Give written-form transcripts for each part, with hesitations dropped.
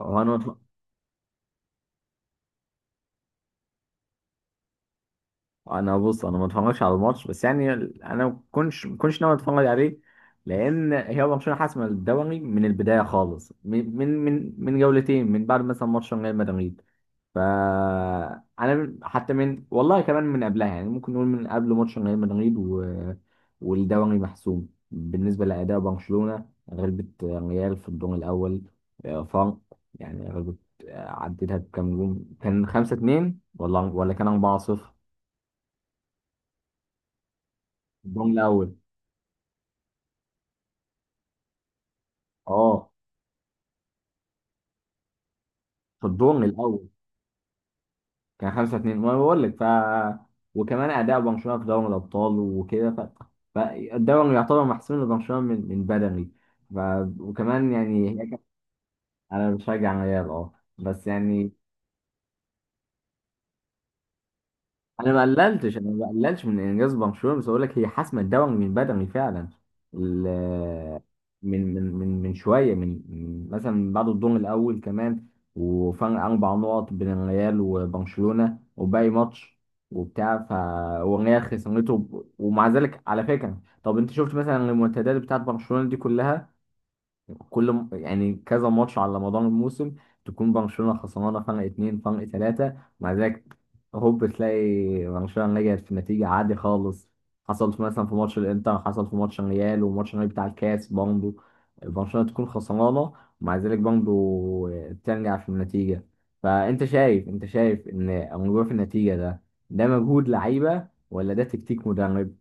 هو انا متف... انا بص، انا ما اتفرجش على الماتش بس يعني، انا ما كنتش ناوي اتفرج عليه، لان هي برشلونه حاسمه الدوري من البدايه خالص، من جولتين من بعد مثلا ماتش ريال مدريد. ف انا حتى من والله كمان من قبلها يعني، ممكن نقول من قبل ماتش ريال مدريد والدوري محسوم بالنسبه لاداء برشلونه. غلبت ريال في الدور الاول، آه، فرق، يعني غلبت. آه، عدتها بكام جون؟ كان 5 2 ولا كان 4 0. الدون الاول. اه، في الدور الاول كان 5 2. وانا بقول لك، وكمان اداء برشلونه في دوري الابطال وكده، فالدوري يعتبر محسوم لبرشلونه من بدري. ف... وكمان يعني انا بشجع ريال، اه، بس يعني، انا ما قللتش من انجاز برشلونه، بس اقول لك هي حسمت دوري من بدري فعلا. ال- من شويه، من من مثلا بعد الدور الاول كمان، وفرق اربع نقط بين الريال وبرشلونه، وباقي ماتش وبتاع ف والريال خسرته. ومع ذلك، على فكره، طب انت شفت مثلا المنتديات بتاعت برشلونه دي كلها؟ يعني كذا ماتش على مدار الموسم تكون برشلونة خسرانة فرق اتنين، فرق تلاتة، ومع ذلك هوب تلاقي برشلونة رجعت في نتيجة عادي خالص. مثلا في ماتش الانتر، حصل في ماتش الريال، وماتش الريال بتاع الكاس برضه، برشلونة تكون خسرانة، ومع ذلك برضه ترجع في النتيجة. فأنت شايف أنت شايف إن الرجوع في النتيجة ده، ده مجهود لعيبة ولا ده تكتيك مدرب؟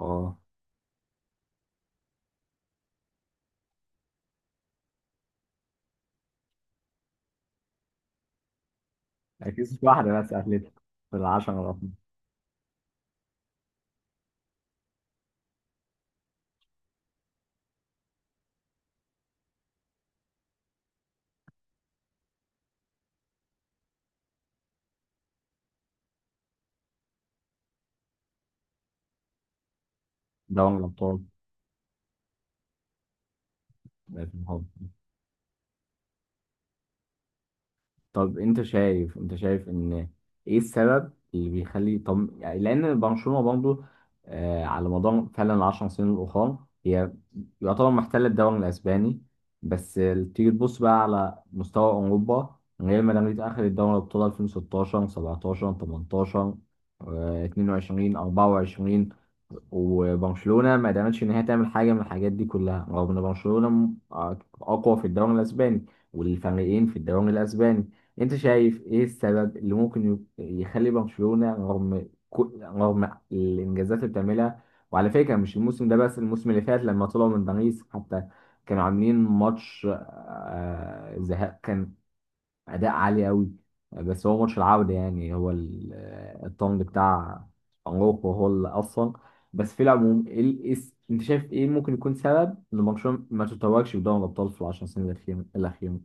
اه. أكيد مش واحدة بس أتلتيكو في العشرة الأفضل. دوري الأبطال، بقت الحب. طب انت شايف انت شايف ان ايه السبب اللي بيخلي، طب يعني لان برشلونه برضه آه على مدار فعلا العشر سنين الاخرى، هي يعتبر محتله الدوري الاسباني، بس تيجي تبص بقى على مستوى اوروبا. ريال مدريد اخذ الدوري الابطال 2016 17 18، آه، 22 24، وبرشلونة ما قدرتش إن هي تعمل حاجة من الحاجات دي كلها، رغم إن آه، أقوى في الدوري الأسباني والفريقين في الدوري الأسباني. أنت شايف إيه السبب اللي يخلي برشلونة، رغم الإنجازات اللي بتعملها، وعلى فكرة مش الموسم ده بس، الموسم اللي فات لما طلعوا من باريس حتى، كانوا عاملين ماتش ذهاب اداء عالي قوي، بس هو ماتش العودة يعني، الطنج بتاع أراوخو هو اللي أصلا. بس في العموم، إيه ال- إيه س- أنت شايف إيه ممكن يكون سبب إن برشلونة ما تتوجش بدوري الأبطال في العشر سنين الأخيرة؟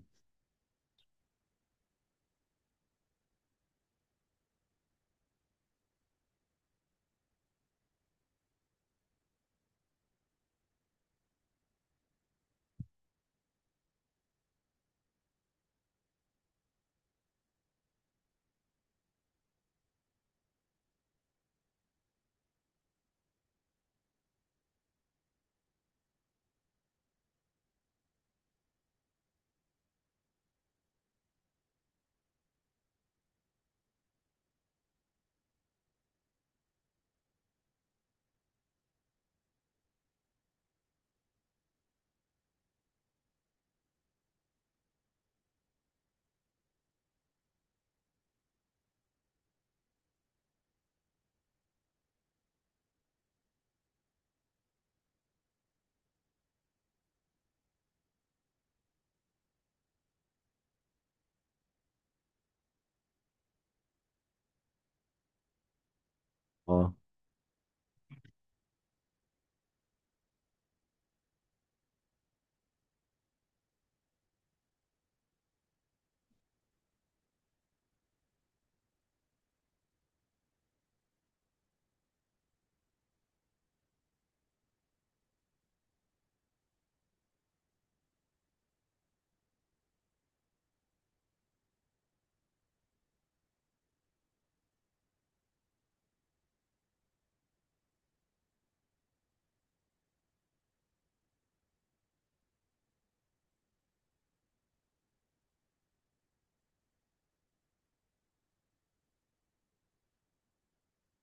أه.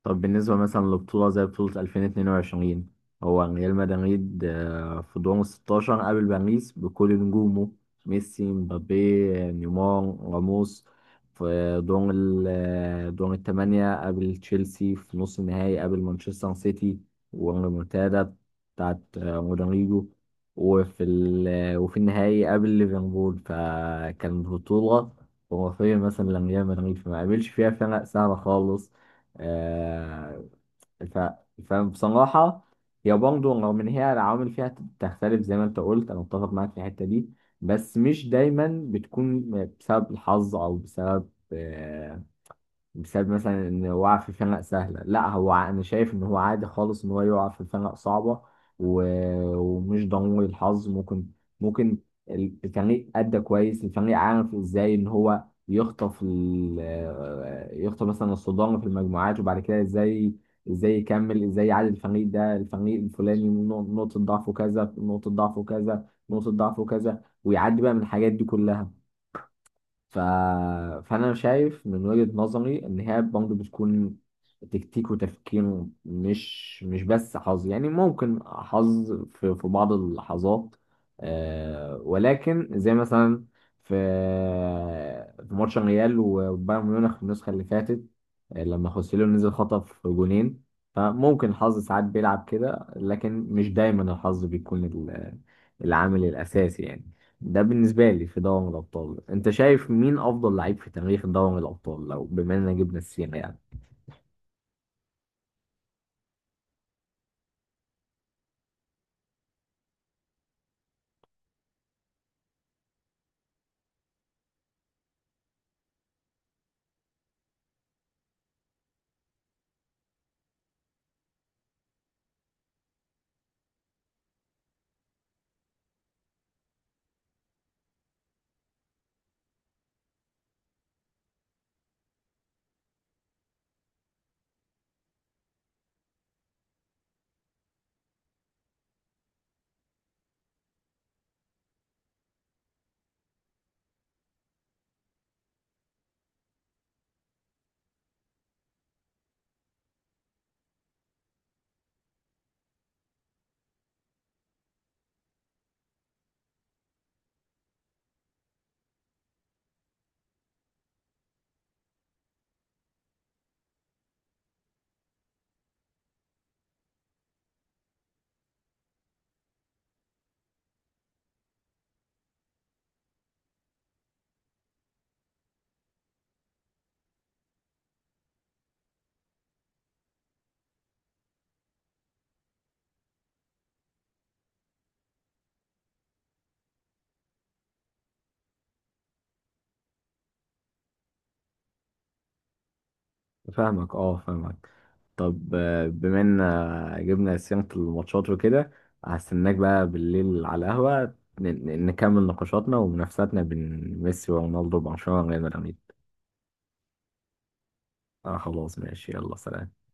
طب بالنسبة مثلا لبطولة زي بطولة 2022، هو ريال مدريد آه، في دور ال 16 قابل باريس بكل نجومه، ميسي، مبابي، نيمار، راموس. في دور ال آه، دور الثمانية قابل تشيلسي، في نص النهائي قابل مانشستر سيتي والريمونتادا بتاعت آه، رودريجو، وفي ال آه، وفي النهائي قابل ليفربول. فكان بطولة خرافية مثلا لريال مدريد، فما قابلش فيها فرق سهلة خالص، آه، ف... فبصراحة هي برضه رغم إن هي العوامل فيها تختلف زي ما أنت قلت، أنا متفق معاك في الحتة دي، بس مش دايما بتكون بسبب الحظ أو بسبب آه، بسبب مثلا ان وقع في خناقه سهله. لا، انا شايف ان هو عادي خالص ان هو يقع في خناقه صعبه، و... ومش ضروري الحظ. ممكن الفريق ادى كويس، الفريق عارف ازاي ان هو يخطف آه، يخطف مثلا الصدام في المجموعات، وبعد كده ازاي يكمل، ازاي يعادل الفريق ده، الفريق الفلاني نقطه ضعفه كذا، نقطه ضعفه كذا، نقطه ضعفه كذا، ويعدي بقى من الحاجات دي كلها. ف... فأنا شايف من وجهة نظري إن هي برضه بتكون تكتيك وتفكير، مش بس حظ، يعني ممكن حظ في بعض اللحظات آه، ولكن زي مثلا في في ماتش الريال وبايرن ميونخ في النسخة اللي فاتت، آه، لما خوسيلو نزل خطف جونين. فممكن الحظ ساعات بيلعب كده، لكن مش دايما الحظ بيكون العامل الأساسي يعني. ده بالنسبة لي في دوري الأبطال. أنت شايف مين أفضل لعيب في تاريخ دوري الأبطال، لو بما إننا جبنا السيرة يعني؟ فاهمك، أه، فاهمك. طب آه، بما إننا جبنا سيرة الماتشات وكده، هستناك بقى بالليل على القهوة، نكمل نقاشاتنا ومنافساتنا بين ميسي ورونالدو وبرشلونة وريال مدريد. آه خلاص، ماشي، يلا سلام.